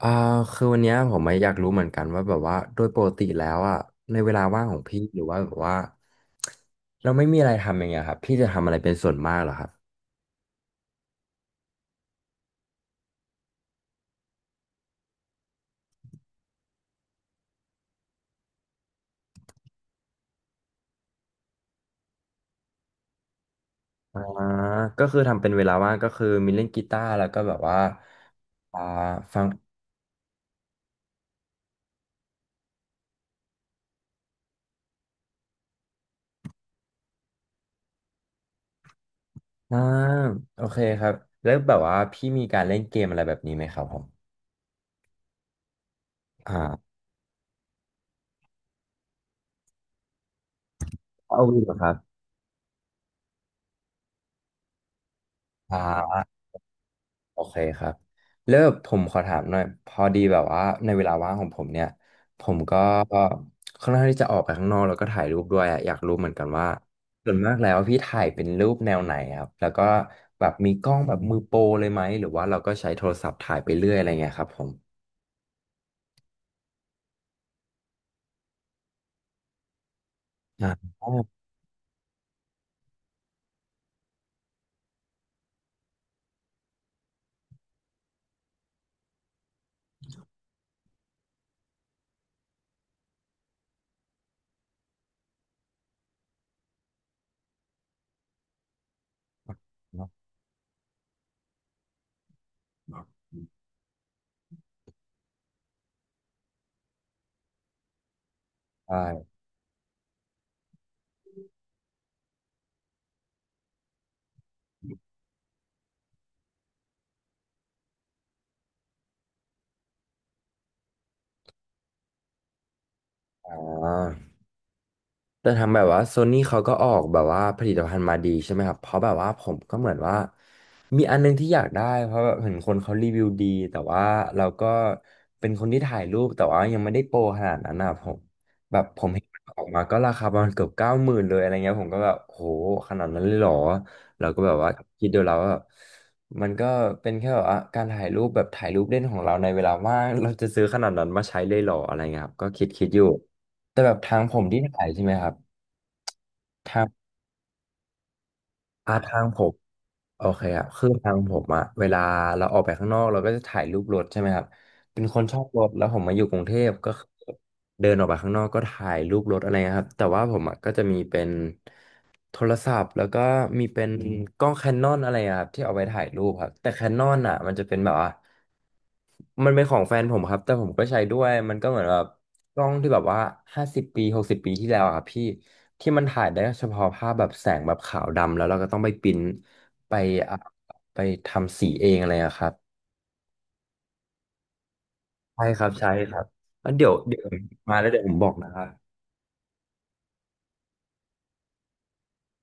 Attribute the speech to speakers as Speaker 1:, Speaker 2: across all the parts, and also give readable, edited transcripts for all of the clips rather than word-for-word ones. Speaker 1: อ่าคือวันเนี้ยผมไม่อยากรู้เหมือนกันว่าแบบว่าโดยปกติแล้วอ่ะในเวลาว่างของพี่หรือว่าแบบว่าเราไม่มีอะไรทำอย่างเงี้ยครับพี่จะทำอะไรเป็นส่วนมากเหรอครับอ่าก็คือทำเป็นเวลาว่างก็คือมีเล่นกีตาร์แล้วก็แบบว่าอ่าฟังอ่าโอเคครับแล้วแบบว่าพี่มีการเล่นเกมอะไรแบบนี้ไหมครับผมอ่าเอาวีเหรอครับอ่า โอเคครับเลิกผมขอถามหน่อยพอดีแบบว่าในเวลาว่างของผมเนี่ยผมก็ค่อนข้างที่จะออกไปข้างนอกแล้วก็ถ่ายรูปด้วยอะอยากรู้เหมือนกันว่าส่วนมากแล้วพี่ถ่ายเป็นรูปแนวไหนครับแล้วก็แบบมีกล้องแบบมือโปรเลยไหมหรือว่าเราก็ใช้โทรศัพท์ถ่ายไปเรื่อยอะไรเงี้ยครับผมอ่าใช่ครับใช่อ่า แต่ทางแบบว่าโซนี่เขาก็ออกแบบว่าผลิตภัณฑ์มาดีใช่ไหมครับเพราะแบบว่าผมก็เหมือนว่ามีอันนึงที่อยากได้เพราะแบบเห็นคนเขารีวิวดีแต่ว่าเราก็เป็นคนที่ถ่ายรูปแต่ว่ายังไม่ได้โปรขนาดนั้นนะผมแบบผมเห็นมันออกมาก็ราคาประมาณเกือบ90,000เลยอะไรเงี้ยผมก็แบบโหขนาดนั้นเลยเหรอเราก็แบบว่าคิดดูแล้วว่าแบบมันก็เป็นแค่แบบว่าการถ่ายรูปแบบถ่ายรูปเล่นของเราในเวลาว่างเราจะซื้อขนาดนั้นมาใช้เลยเหรออะไรเงี้ยครับก็คิดอยู่แต่แบบทางผมที่ถ่ายใช่ไหมครับ ครับอ่าทางผมโอเคครับคือทางผมอะเวลาเราออกไปข้างนอกเราก็จะถ่ายรูปรถใช่ไหมครับ เป็นคนชอบรถแล้วผมมาอยู่กรุงเทพก็คือเดินออกไปข้างนอกก็ถ่ายรูปรถอะไรเงี้ยครับแต่ว่าผมอะก็จะมีเป็นโทรศัพท์แล้วก็มีเป็นกล้องแคนนอนอะไรอะครับที่เอาไว้ถ่ายรูปครับแต่แคนนอนอ่ะมันจะเป็นแบบว่ามันเป็นของแฟนผมครับแต่ผมก็ใช้ด้วยมันก็เหมือนแบบกล้องที่แบบว่า50 ปี60 ปีที่แล้วอะครับพี่ที่มันถ่ายได้เฉพาะภาพแบบแสงแบบขาวดำแล้วเราก็ต้องไปปริ้นไปอ่ะไปทำสีเองอะไรอะครับ ใช่ครับใช่ครับงั้นเดี๋ยวมาแล้วเดี๋ยวผมบอกนะครับ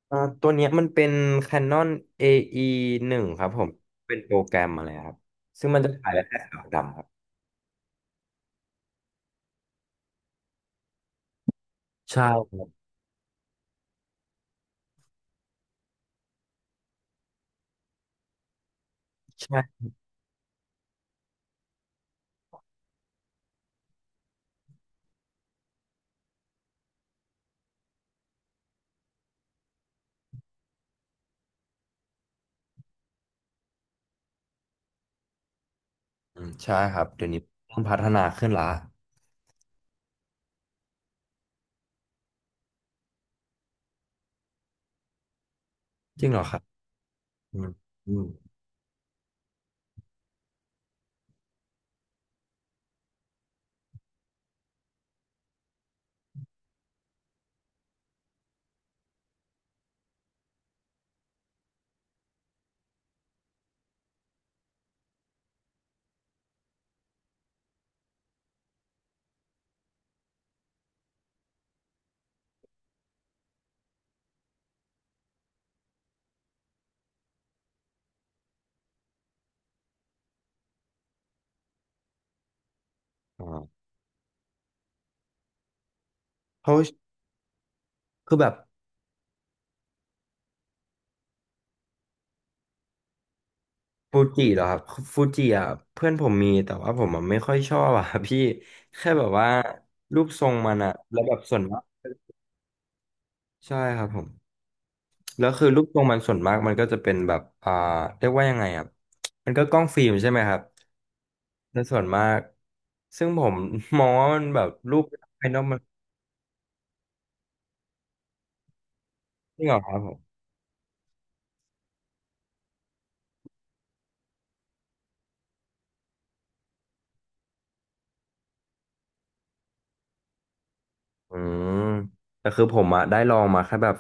Speaker 1: ตัวเนี้ยมันเป็น Canon AE-1ครับผมเป็นโปรแกรมอะไรครับซึ่งมันจะถ่ายได้แค่ขาวดำครับใช่ครับใช่อืมใช่ครับเดี๋ยวนี้เริ่มพัฒนาขึ้นละจริงเหรอครับอืมอืมอ่าเพราะคือแบบฟูจิเหรอครับฟูจิอ่ะเพื่อนผมมีแต่ว่าผมอ่ะไม่ค่อยชอบอ่ะ พี่แค่แบบว่ารูปทรงมันอ่ะแล้วแบบส่วนมากใช่ครับผม แล้วคือรูปทรงมันส่วนมากมันก็จะเป็นแบบเรียกว่ายังไงอ่ะมันก็กล้องฟิล์มใช่ไหมครับในส่วนมาก ซึ่งผม มองว่ามันแบบรูปภายนอกมันจริงเหรอครับ อืมแต่คือผมอะได้ลองมาแค่แบบ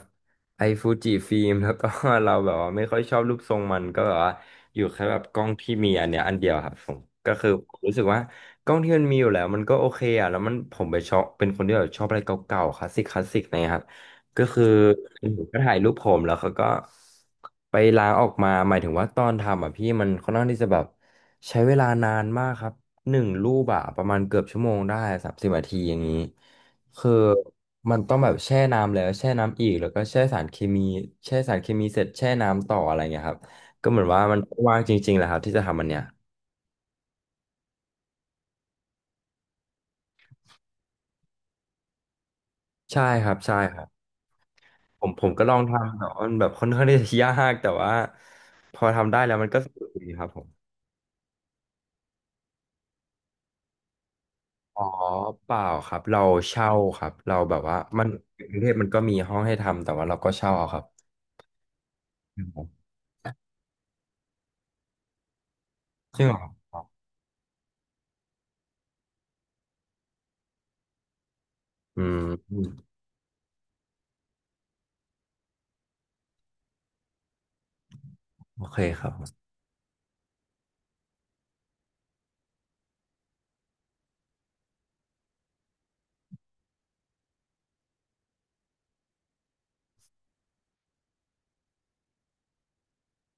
Speaker 1: ไอฟูจิฟิล์มแล้วก็ เราแบบว่าไม่ค่อยชอบรูปทรงมันก็แบบว่าอยู่แค่แบบกล้องที่มีอันเนี้ยอันเดียวครับผมก็คือผมรู้สึกว่ากล้องที่มันมีอยู่แล้วมันก็โอเคอะแล้วมันผมไปชอบเป็นคนที่แบบชอบอะไรเก่าๆคลาสสิกนะครับก็คือผมก็ถ่ายรูปผมแล้วเขาก็ไปล้างออกมาหมายถึงว่าตอนทำอ่ะพี่มันค่อนข้างที่จะแบบใช้เวลานานมากครับหนึ่งรูปอะประมาณเกือบชั่วโมงได้30 นาทีอย่างนี้ คือมันต้องแบบแช่น้ำแล้วแช่น้ำอีกแล้วก็แช่สารเคมีแช่สารเคมีเสร็จแช่น้ำต่ออะไรเงี้ยครับก็เหมือนว่ามันว่างจริงๆแหละครับที่จะทำมันเนี่ยใช่ครับใช่ครับผมก็ลองทำแต่ว่ามันแบบค่อนข้างที่จะยากแต่ว่าพอทำได้แล้วมันก็สนุกดีครับผมอ๋อเปล่าครับเราเช่าครับเราแบบว่ามันกรุงเทพมันก็มีห้องให้ทำแต่ว่าเราก็เช่าเอาครับอืมจริงเหรอครับอืมอืมโอเคครับผม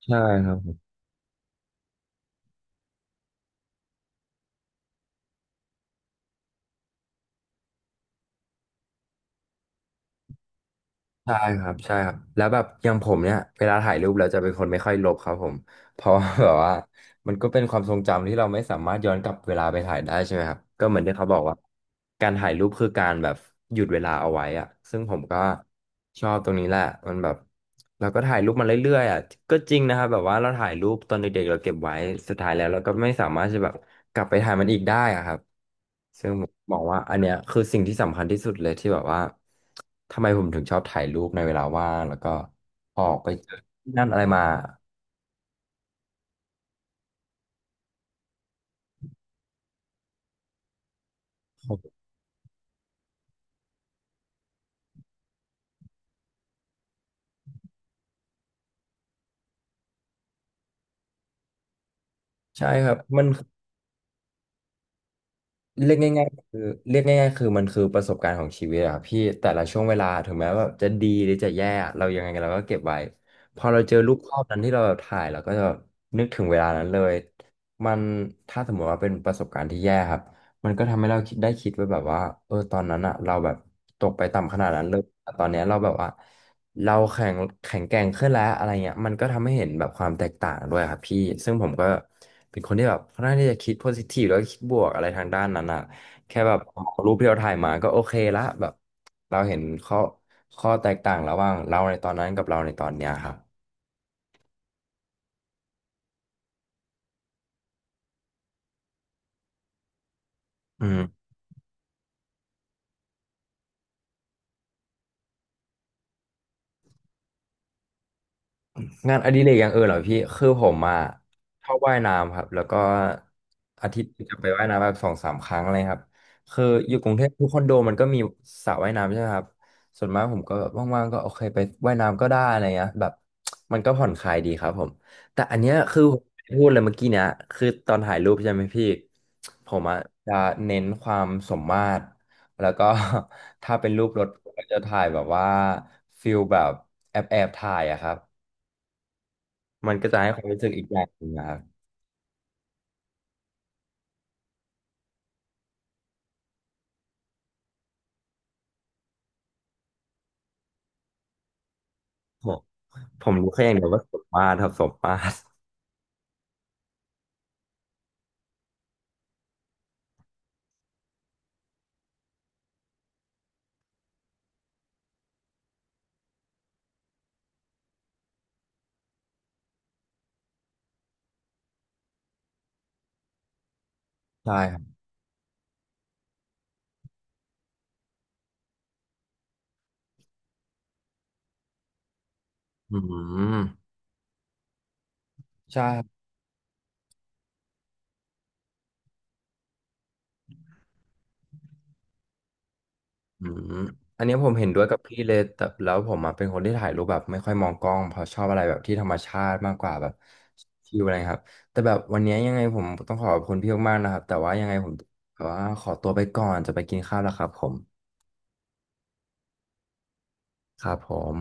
Speaker 1: ใช่ครับ ใช่ครับใช่ครับแล้วแบบอย่างผมเนี่ยเวลาถ่ายรูปเราจะเป็นคนไม่ค่อยลบครับผม เพราะว่าแบบว่ามันก็เป็นความทรงจำที่เราไม่สามารถย้อนกลับเวลาไปถ่ายได้ใช่ไหมครับก็เหมือนที่เขาบอกว่าการถ่ายรูปคือการแบบหยุดเวลาเอาไว้อะซึ่งผมก็ชอบตรงนี้แหละมันแบบเราก็ถ่ายรูปมาเรื่อยๆอ่ะก็จริงนะครับแบบว่าเราถ่ายรูปตอนเด็กๆเราเก็บไว้สุดท้ายแล้วเราก็ไม่สามารถจะแบบกลับไปถ่ายมันอีกได้อะครับ บอกว่าอันเนี้ยคือสิ่งที่สำคัญที่สุดเลยที่แบบว่าทำไมผมถึงชอบถ่ายรูปในเวลาว่างแล้วก็ออกไปเจอที่นั่นอะไรมาใช่ครับมัน เรียกง่ายๆคือเรียกง่ายๆคือมันคือประสบการณ์ของชีวิตอะครับพี่แต่ละช่วงเวลาถึงแม้ว่าจะดีหรือจะแย่เรายังไงเราก็เก็บไว้พอเราเจอรูปภาพนั้นที่เราถ่ายเราก็จะแบบนึกถึงเวลานั้นเลยมันถ้าสมมติว่าเป็นประสบการณ์ที่แย่ครับมันก็ทำให้เราคิดได้คิดไว้แบบว่าเออตอนนั้นอะเราแบบตกไปต่ำขนาดนั้นเลยแต่ตอนเนี้ยเราแบบว่า เราแข็งแข็งแกร่งขึ้นแล้วอะไรเงี้ยมันก็ทำให้เห็นแบบความแตกต่างด้วยครับพี่ซึ่งผมก็เป็นคนที่แบบค่อนข้างที่จะคิดโพซิทีฟแล้วก็คิดบวกอะไรทางด้านนั้นอะแค่แบบรูปที่เราถ่ายมาก็โอเคละแบบเราเห็นข้อแตกต่างระหว่างเราในตอนนั้นกับเราในตอนเนี้ยครับอืม งานอดิเรกอย่างอื่นเหรอพี่คือผมอ่ะชอบว่ายน้ำครับแล้วก็อาทิตย์หนึ่งจะไปว่ายน้ำแบบสองสามครั้งอะไรครับคืออยู่กรุงเทพทุกคอนโดมันก็มีสระว่ายน้ำใช่ไหมครับส่วนมากผมก็แบบว่างๆก็โอเคไปว่ายน้ำก็ได้อะไรเงี้ยแบบมันก็ผ่อนคลายดีครับผมแต่อันเนี้ยคือผมพูดเลยเมื่อกี้เนี้ยคือตอนถ่ายรูปใช่ไหมพี่ผมอ่ะจะเน้นความสมมาตรแล้วก็ ถ้าเป็นรูปรถผมก็จะถ่ายแบบว่าฟิลแบบแอบถ่ายอะครับ มันก็จะให้ความรู้สึกอีกแบบหนึ่งนะครับผมรู้แค่อย่างเดียวว่าสมมาตรครับสมมาตรใช่ครับอืมใช่ครับอืมอันนี้ผมเห็นด้วยกับพี่เลยแต่แล้วผมอะเป็นคนที่ถ่ายรูปแบบไม่ค่อยมองกล้องเพราะชอบอะไรแบบที่ธรรมชาติมากกว่าแบบชิลอะไรครับแต่แบบวันนี้ยังไงผมต้องขอบคุณพี่มากๆนะครับแต่ว่ายังไงผมแต่ว่าขอตัวไปก่อนจะไปกินข้าวแล้วครับผมครับผม